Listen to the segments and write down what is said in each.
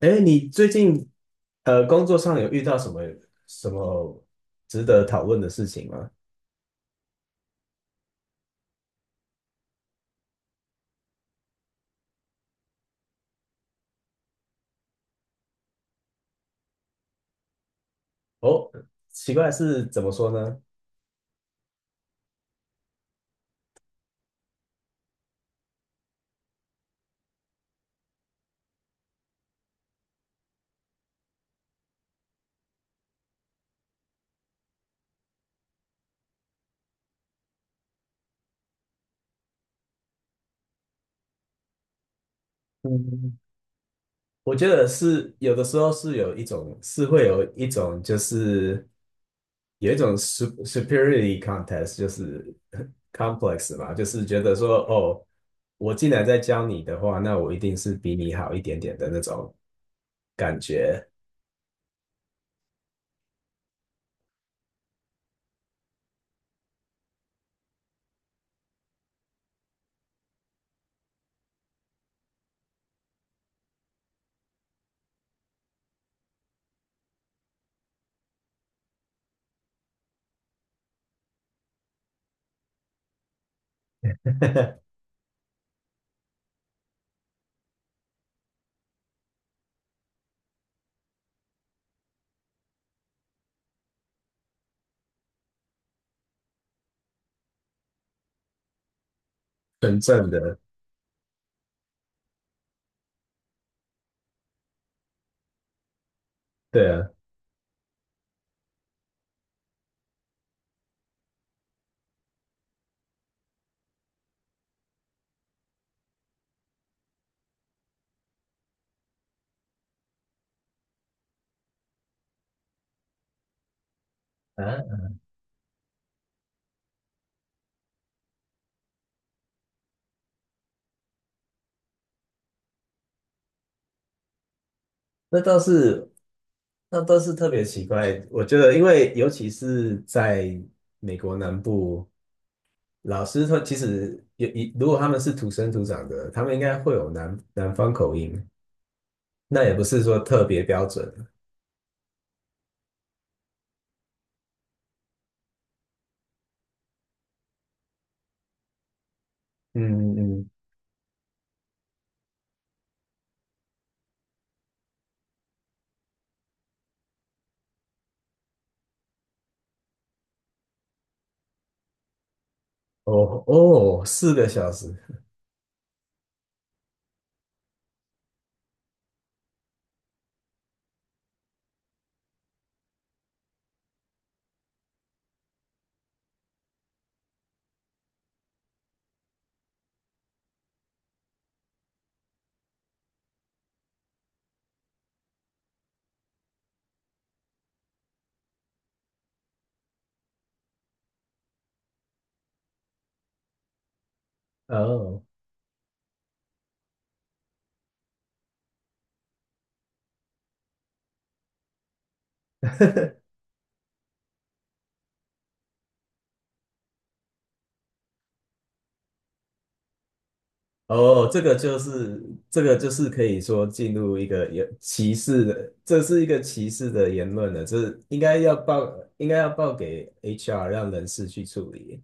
哎，你最近工作上有遇到什么什么值得讨论的事情吗？哦，奇怪是怎么说呢？嗯，我觉得有的时候有一种是会有一种有一种 superiority contest，就是 complex 嘛，就是觉得说哦，我进来再教你的话，那我一定是比你好一点点的那种感觉。纯正的，对啊。啊，那倒是，那倒是特别奇怪。我觉得，因为尤其是在美国南部，老师他其实也，如果他们是土生土长的，他们应该会有南方口音，那也不是说特别标准。嗯嗯，嗯。哦哦，四个小时哦。哦，这个就是，这个就是可以说进入一个有歧视的，这是一个歧视的言论了，这应该要报，应该要报给 HR，让人事去处理。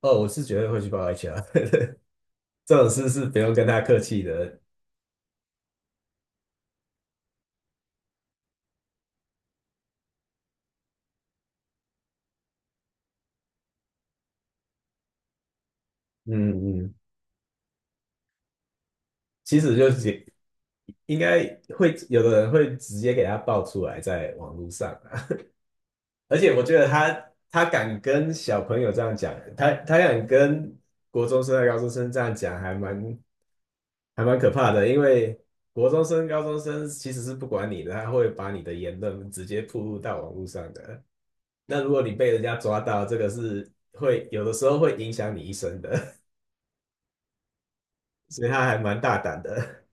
哦，我是绝对会去报 HR。这种事是不用跟他客气的。嗯嗯，其实就是应该会有的人会直接给他报出来在网络上啊，而且我觉得他，他敢跟小朋友这样讲，他敢跟国中生和高中生这样讲，还蛮。还蛮可怕的，因为国中生、高中生其实是不管你的，他会把你的言论直接铺露到网络上的。那如果你被人家抓到，这个是会有的时候会影响你一生的。所以他还蛮大胆的。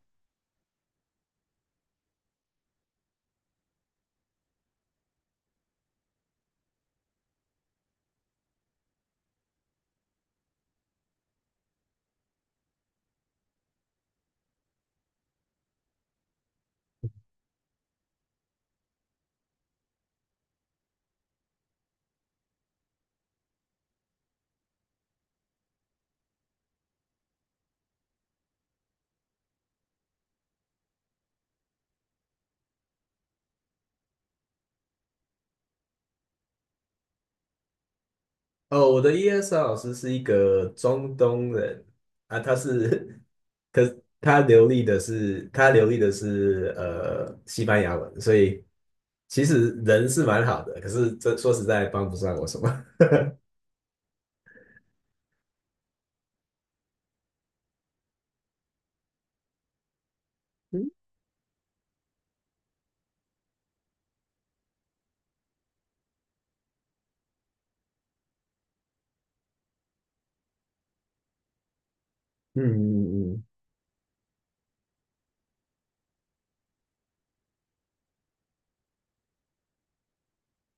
哦，我的 ESL 老师是一个中东人啊，他是，可是他流利的是，西班牙文，所以其实人是蛮好的，可是这说实在帮不上我什么。嗯嗯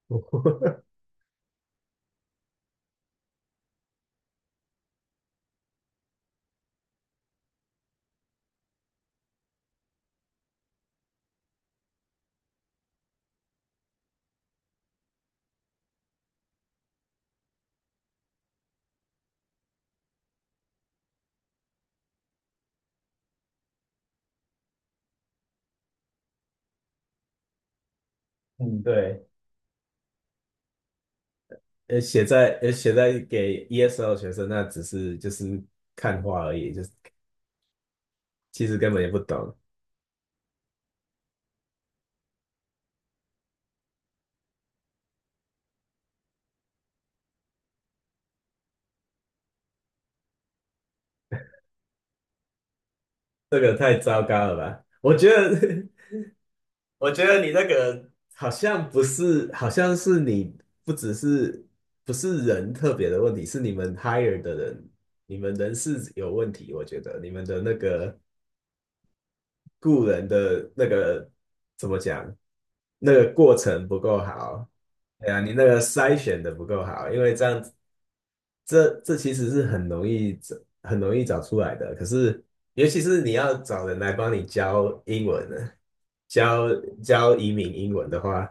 嗯。嗯，对，呃，写在，给 ESL 学生，那只是就是看画而已，就是其实根本也不懂。这个太糟糕了吧？我觉得，我觉得你那个好像不是，好像是你不只是，不是人特别的问题，是你们 hire 的人，你们人事有问题，我觉得你们的那个雇人的那个怎么讲，那个过程不够好。哎呀，你那个筛选的不够好，因为这样子，这这其实是很容易，找出来的。可是，尤其是你要找人来帮你教英文呢，教移民英文的话，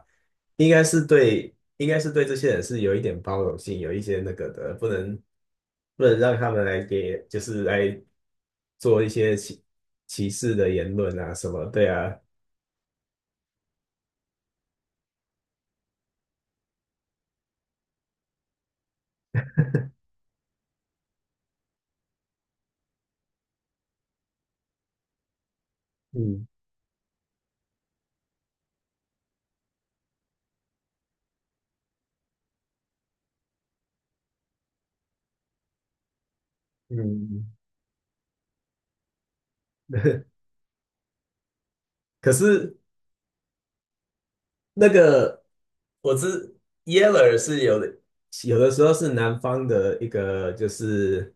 应该是对，应该是对这些人是有一点包容性，有一些那个的，不能，让他们来给，就是来做一些歧，视的言论啊什么，对啊。嗯嗯，可是那个我知， Yeller 是有的，有的时候是南方的一个就是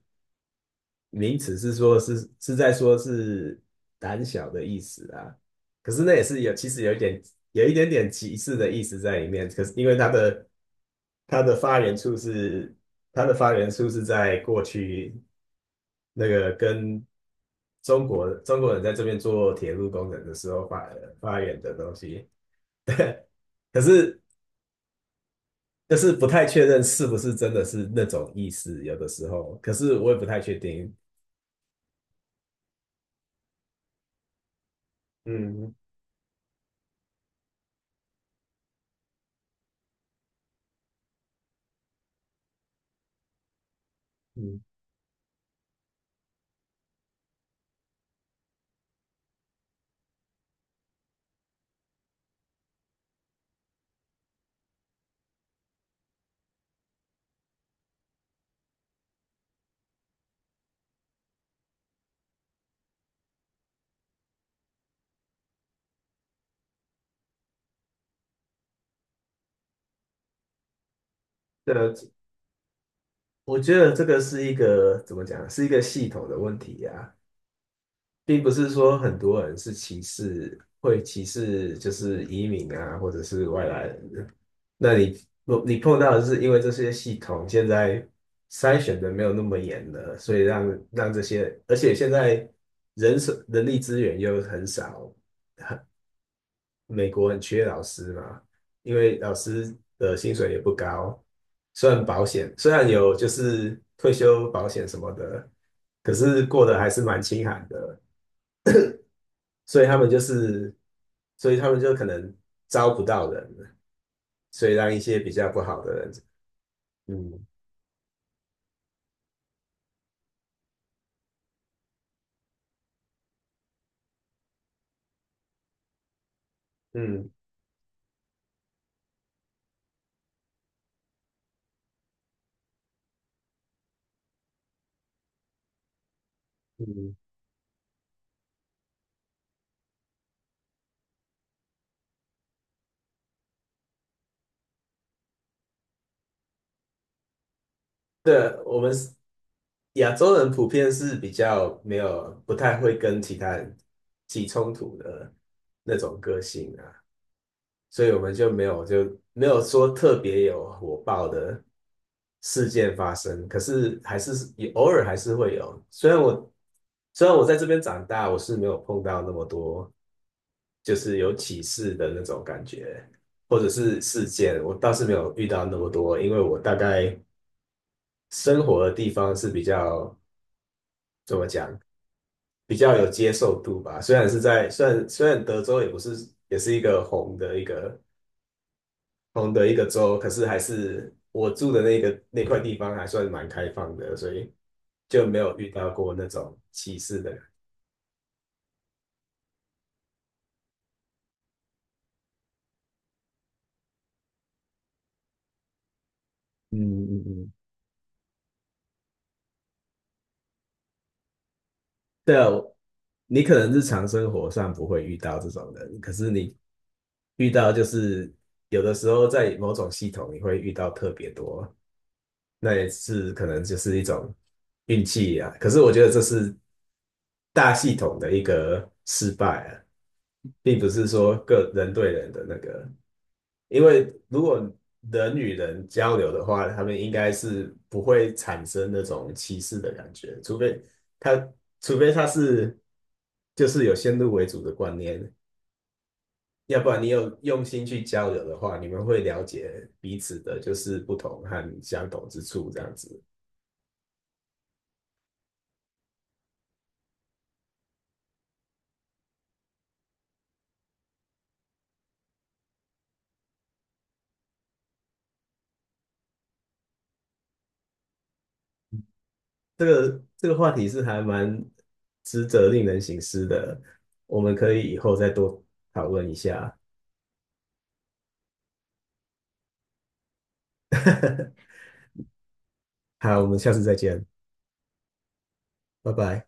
名词，是说是，在说是胆小的意思啊，可是那也是有，其实有一点，有一点点歧视的意思在里面，可是因为它的，发源处是，在过去那个跟中国，中国人在这边做铁路工程的时候发，源的东西，可是就是不太确认是不是真的是那种意思，有的时候，可是我也不太确定。嗯嗯。个。我觉得这个是一个怎么讲，是一个系统的问题呀、并不是说很多人是歧视，会歧视就是移民啊，或者是外来人。那你，碰到的是因为这些系统现在筛选的没有那么严了，所以让，这些，而且现在人手，人力资源又很少，美国很缺老师嘛，因为老师的薪水也不高，虽然保险，有就是退休保险什么的，可是过得还是蛮清寒的，所以他们就是，所以他们就可能招不到人，所以让一些比较不好的人。嗯嗯嗯，对，我们是亚洲人普遍是比较没有不太会跟其他人起冲突的那种个性啊。所以我们就没有，说特别有火爆的事件发生，可是还是也偶尔还是会有。虽然我，在这边长大，我是没有碰到那么多就是有歧视的那种感觉，或者是事件，我倒是没有遇到那么多，因为我大概生活的地方是比较怎么讲，比较有接受度吧。虽然是在，德州也不是，也是一个红的一个同的一个州，可是还是我住的那个那块地方还算蛮开放的，所以就没有遇到过那种歧视的人。嗯嗯嗯，对啊，我，你可能日常生活上不会遇到这种人，可是你遇到就是，有的时候在某种系统你会遇到特别多，那也是可能就是一种运气啊。可是我觉得这是大系统的一个失败啊，并不是说个人对人的那个。因为如果人与人交流的话，他们应该是不会产生那种歧视的感觉，除非他，除非他是就是有先入为主的观念，要不然你有用心去交流的话，你们会了解彼此的就是不同和相同之处，这样子。这个，这个话题是还蛮值得令人省思的，我们可以以后再多讨论一下。好，我们下次再见，拜拜。